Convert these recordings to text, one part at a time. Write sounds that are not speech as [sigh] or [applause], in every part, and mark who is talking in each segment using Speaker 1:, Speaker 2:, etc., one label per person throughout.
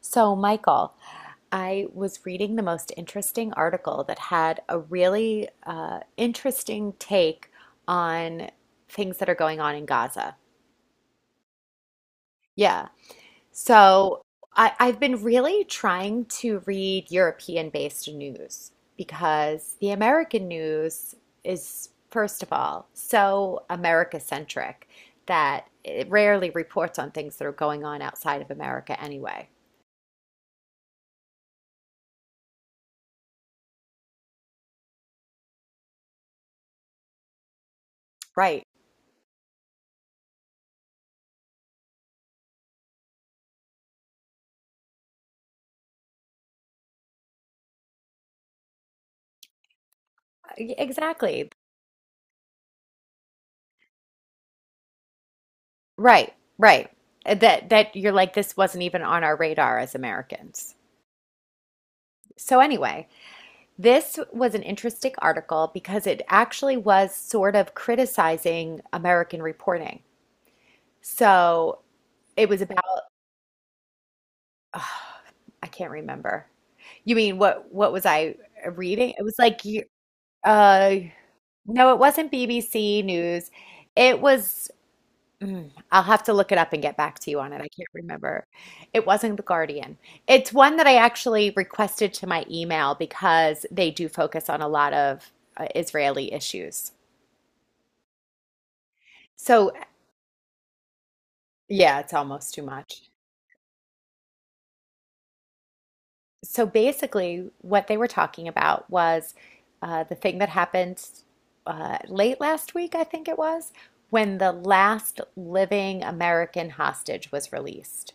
Speaker 1: So, Michael, I was reading the most interesting article that had a really interesting take on things that are going on in Gaza. Yeah. So, I've been really trying to read European-based news because the American news is, first of all, so America-centric that it rarely reports on things that are going on outside of America anyway. Right. Exactly. Right, right. That you're like this wasn't even on our radar as Americans. So anyway, this was an interesting article because it actually was sort of criticizing American reporting. So it was about ugh, I can't remember. You mean what was I reading? It was like you uh no, it wasn't BBC News. It was I'll have to look it up and get back to you on it. I can't remember. It wasn't The Guardian. It's one that I actually requested to my email because they do focus on a lot of Israeli issues. So, yeah, it's almost too much. So, basically, what they were talking about was the thing that happened late last week, I think it was, when the last living American hostage was released.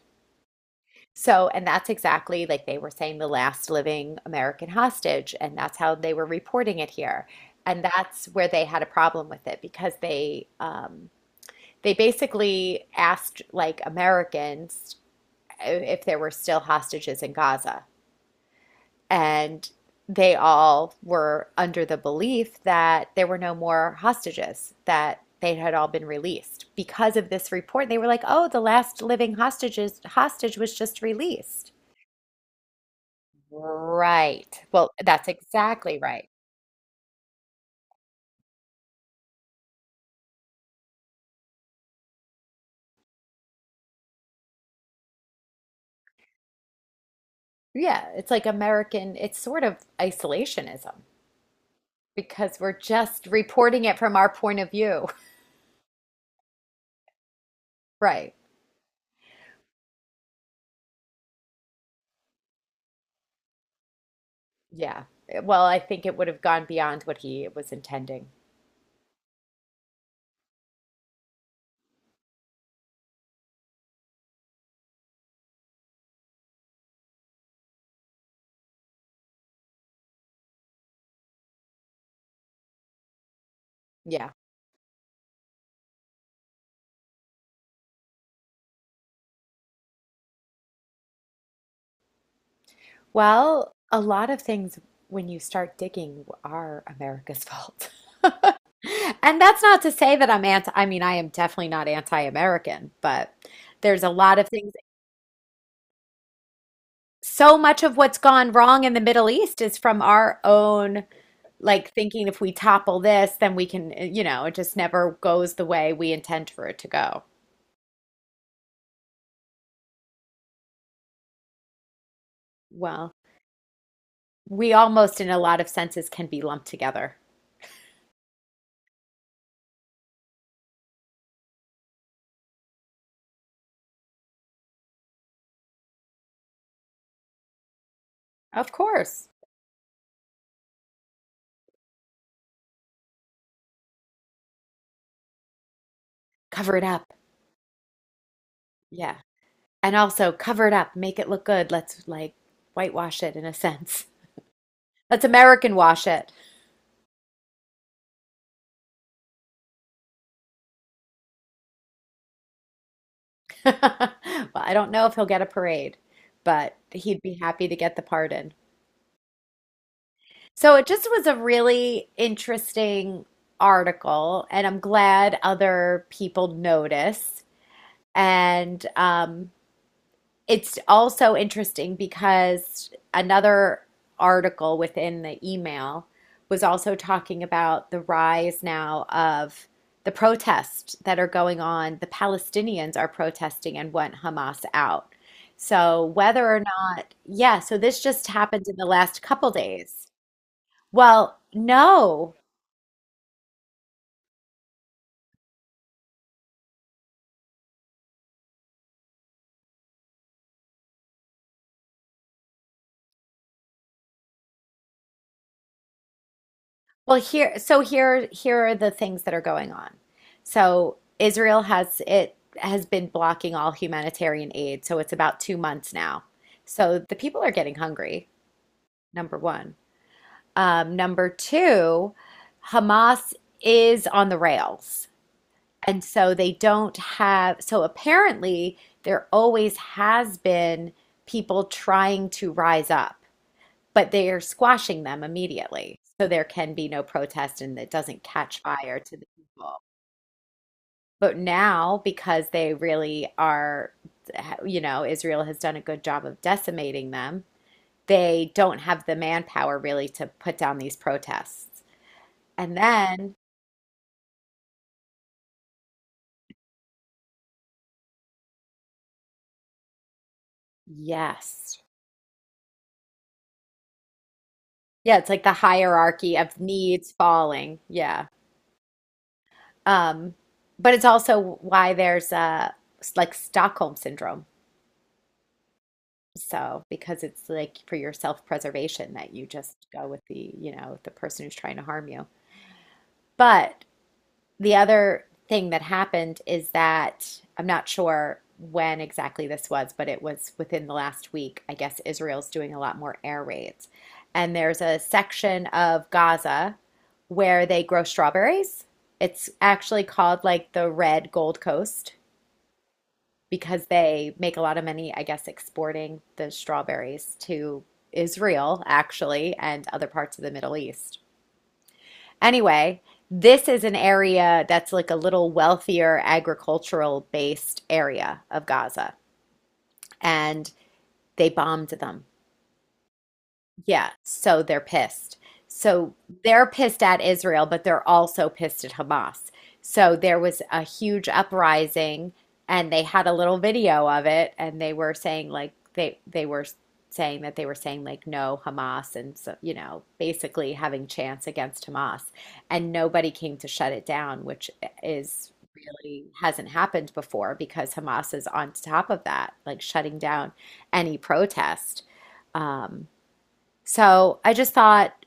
Speaker 1: So, and that's exactly like they were saying the last living American hostage, and that's how they were reporting it here. And that's where they had a problem with it because they basically asked like Americans if there were still hostages in Gaza. And they all were under the belief that there were no more hostages, that they had all been released. Because of this report, they were like, "Oh, the last living hostage was just released." Right. Well, that's exactly right. Yeah, it's like American, it's sort of isolationism because we're just reporting it from our point of view. [laughs] Right. Yeah. Well, I think it would have gone beyond what he was intending. Yeah. Well, a lot of things when you start digging are America's [laughs] fault. And that's not to say that I'm anti, I mean, I am definitely not anti-American, but there's a lot of things. So much of what's gone wrong in the Middle East is from our own like thinking if we topple this, then we can, eh, you know, it just never goes the way we intend for it to go. Well, we almost, in a lot of senses, can be lumped together. Of course. Cover it up. Yeah. And also cover it up, make it look good. Let's like whitewash it in a sense. [laughs] Let's American wash it. [laughs] Well, I don't know if he'll get a parade, but he'd be happy to get the pardon. So it just was a really interesting article, and I'm glad other people notice. And it's also interesting because another article within the email was also talking about the rise now of the protests that are going on. The Palestinians are protesting and want Hamas out. So whether or not, yeah, so this just happened in the last couple days. Well, no. Well, here, so here, here are the things that are going on. So Israel has it has been blocking all humanitarian aid, so it's about 2 months now. So the people are getting hungry, number one. Number two, Hamas is on the rails, and so they don't have. So apparently, there always has been people trying to rise up, but they are squashing them immediately. So there can be no protest and it doesn't catch fire to the people. But now, because they really are, you know, Israel has done a good job of decimating them, they don't have the manpower really to put down these protests. And then, yes. Yeah, it's like the hierarchy of needs falling. Yeah. Um, but it's also why there's like Stockholm syndrome. So, because it's like for your self-preservation that you just go with the, you know, the person who's trying to harm you. But the other thing that happened is that I'm not sure when exactly this was, but it was within the last week. I guess Israel's doing a lot more air raids. And there's a section of Gaza where they grow strawberries. It's actually called like the Red Gold Coast because they make a lot of money, I guess, exporting the strawberries to Israel, actually, and other parts of the Middle East. Anyway, this is an area that's like a little wealthier agricultural based area of Gaza, and they bombed them. Yeah, so they're pissed. So they're pissed at Israel, but they're also pissed at Hamas. So there was a huge uprising, and they had a little video of it, and they were saying like they were saying that they were saying like no Hamas, and so you know basically having chance against Hamas, and nobody came to shut it down, which is really hasn't happened before because Hamas is on top of that, like shutting down any protest. Um, so I just thought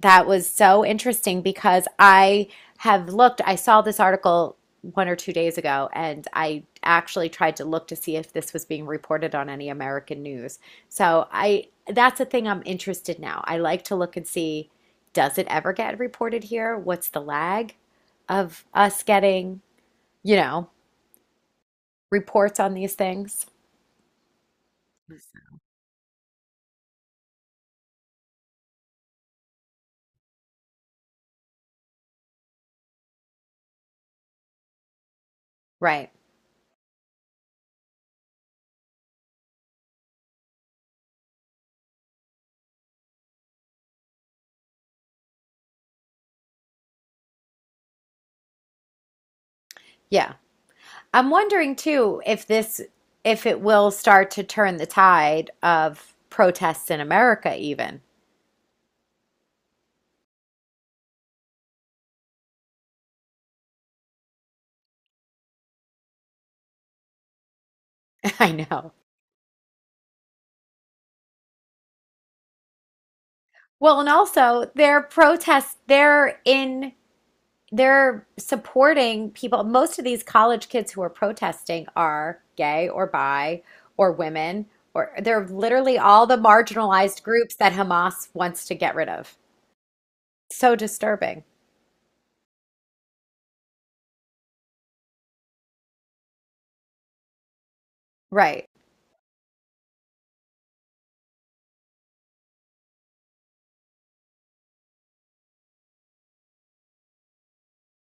Speaker 1: that was so interesting because I have looked, I saw this article 1 or 2 days ago, and I actually tried to look to see if this was being reported on any American news. So I that's a thing I'm interested now. I like to look and see, does it ever get reported here? What's the lag of us getting, you know, reports on these things? Right. Yeah. I'm wondering too if this if it will start to turn the tide of protests in America even. [laughs] I know. Well, and also their protests they're in they're supporting people. Most of these college kids who are protesting are gay or bi or women or they're literally all the marginalized groups that Hamas wants to get rid of. So disturbing. Right.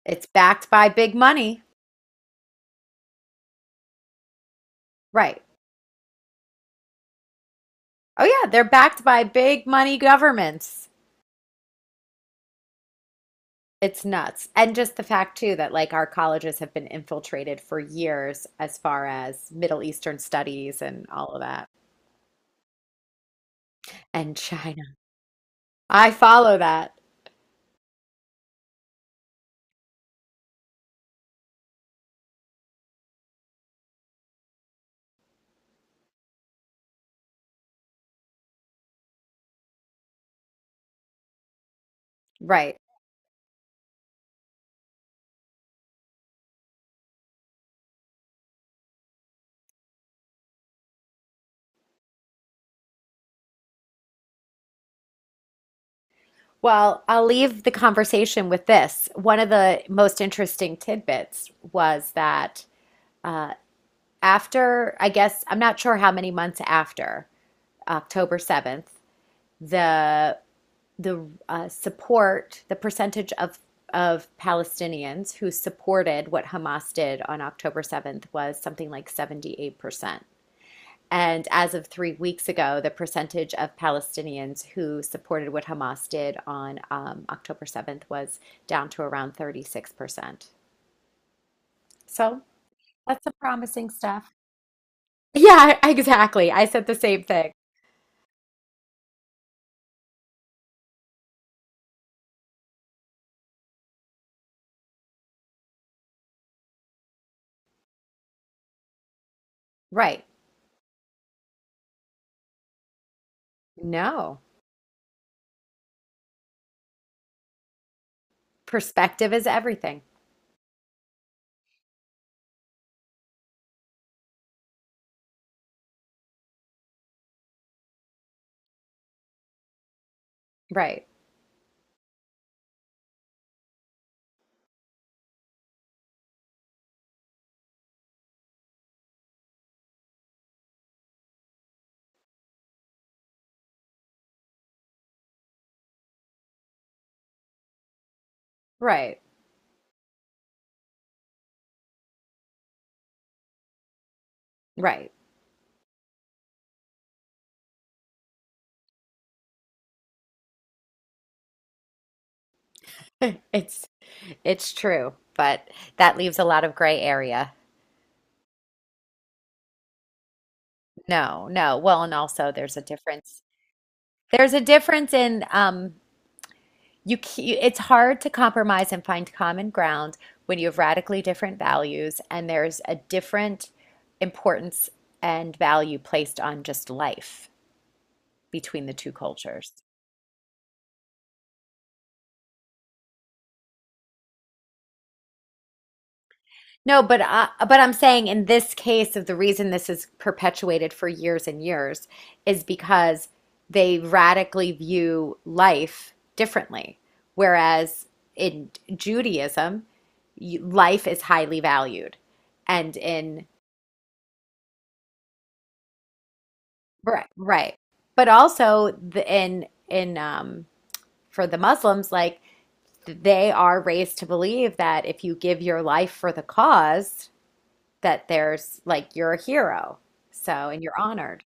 Speaker 1: It's backed by big money. Right. Oh yeah, they're backed by big money governments. It's nuts. And just the fact too that like our colleges have been infiltrated for years as far as Middle Eastern studies and all of that. And China. I follow that. Right. Well, I'll leave the conversation with this. One of the most interesting tidbits was that after, I guess, I'm not sure how many months after October 7th, the the support, the percentage of Palestinians who supported what Hamas did on October 7th was something like 78%. And as of 3 weeks ago, the percentage of Palestinians who supported what Hamas did on October 7th was down to around 36%. So that's some promising stuff. Yeah, [laughs] exactly. I said the same thing. Right. No, perspective is everything. Right, right, right. [laughs] It's It's true, but that leaves a lot of gray area. No, no. Well, and also there's a difference. There's a difference in it's hard to compromise and find common ground when you have radically different values and there's a different importance and value placed on just life between the two cultures. No, but but I'm saying in this case of the reason this is perpetuated for years and years is because they radically view life differently. Whereas in Judaism, life is highly valued, and in right, right, but also the, in for the Muslims, like they are raised to believe that if you give your life for the cause, that there's like you're a hero. So, and you're honored.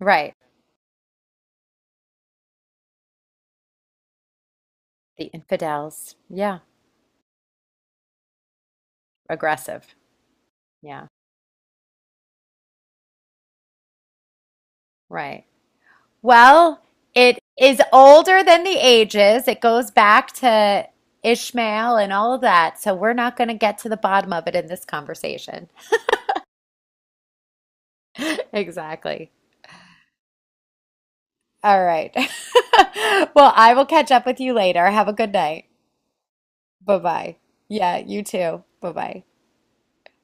Speaker 1: Right. The infidels. Yeah. Aggressive. Yeah. Right. Well, it is older than the ages. It goes back to Ishmael and all of that. So, we're not going to get to the bottom of it in this conversation. [laughs] Exactly. All right. [laughs] Well, I will catch up with you later. Have a good night. Bye bye. Yeah, you too. Bye bye.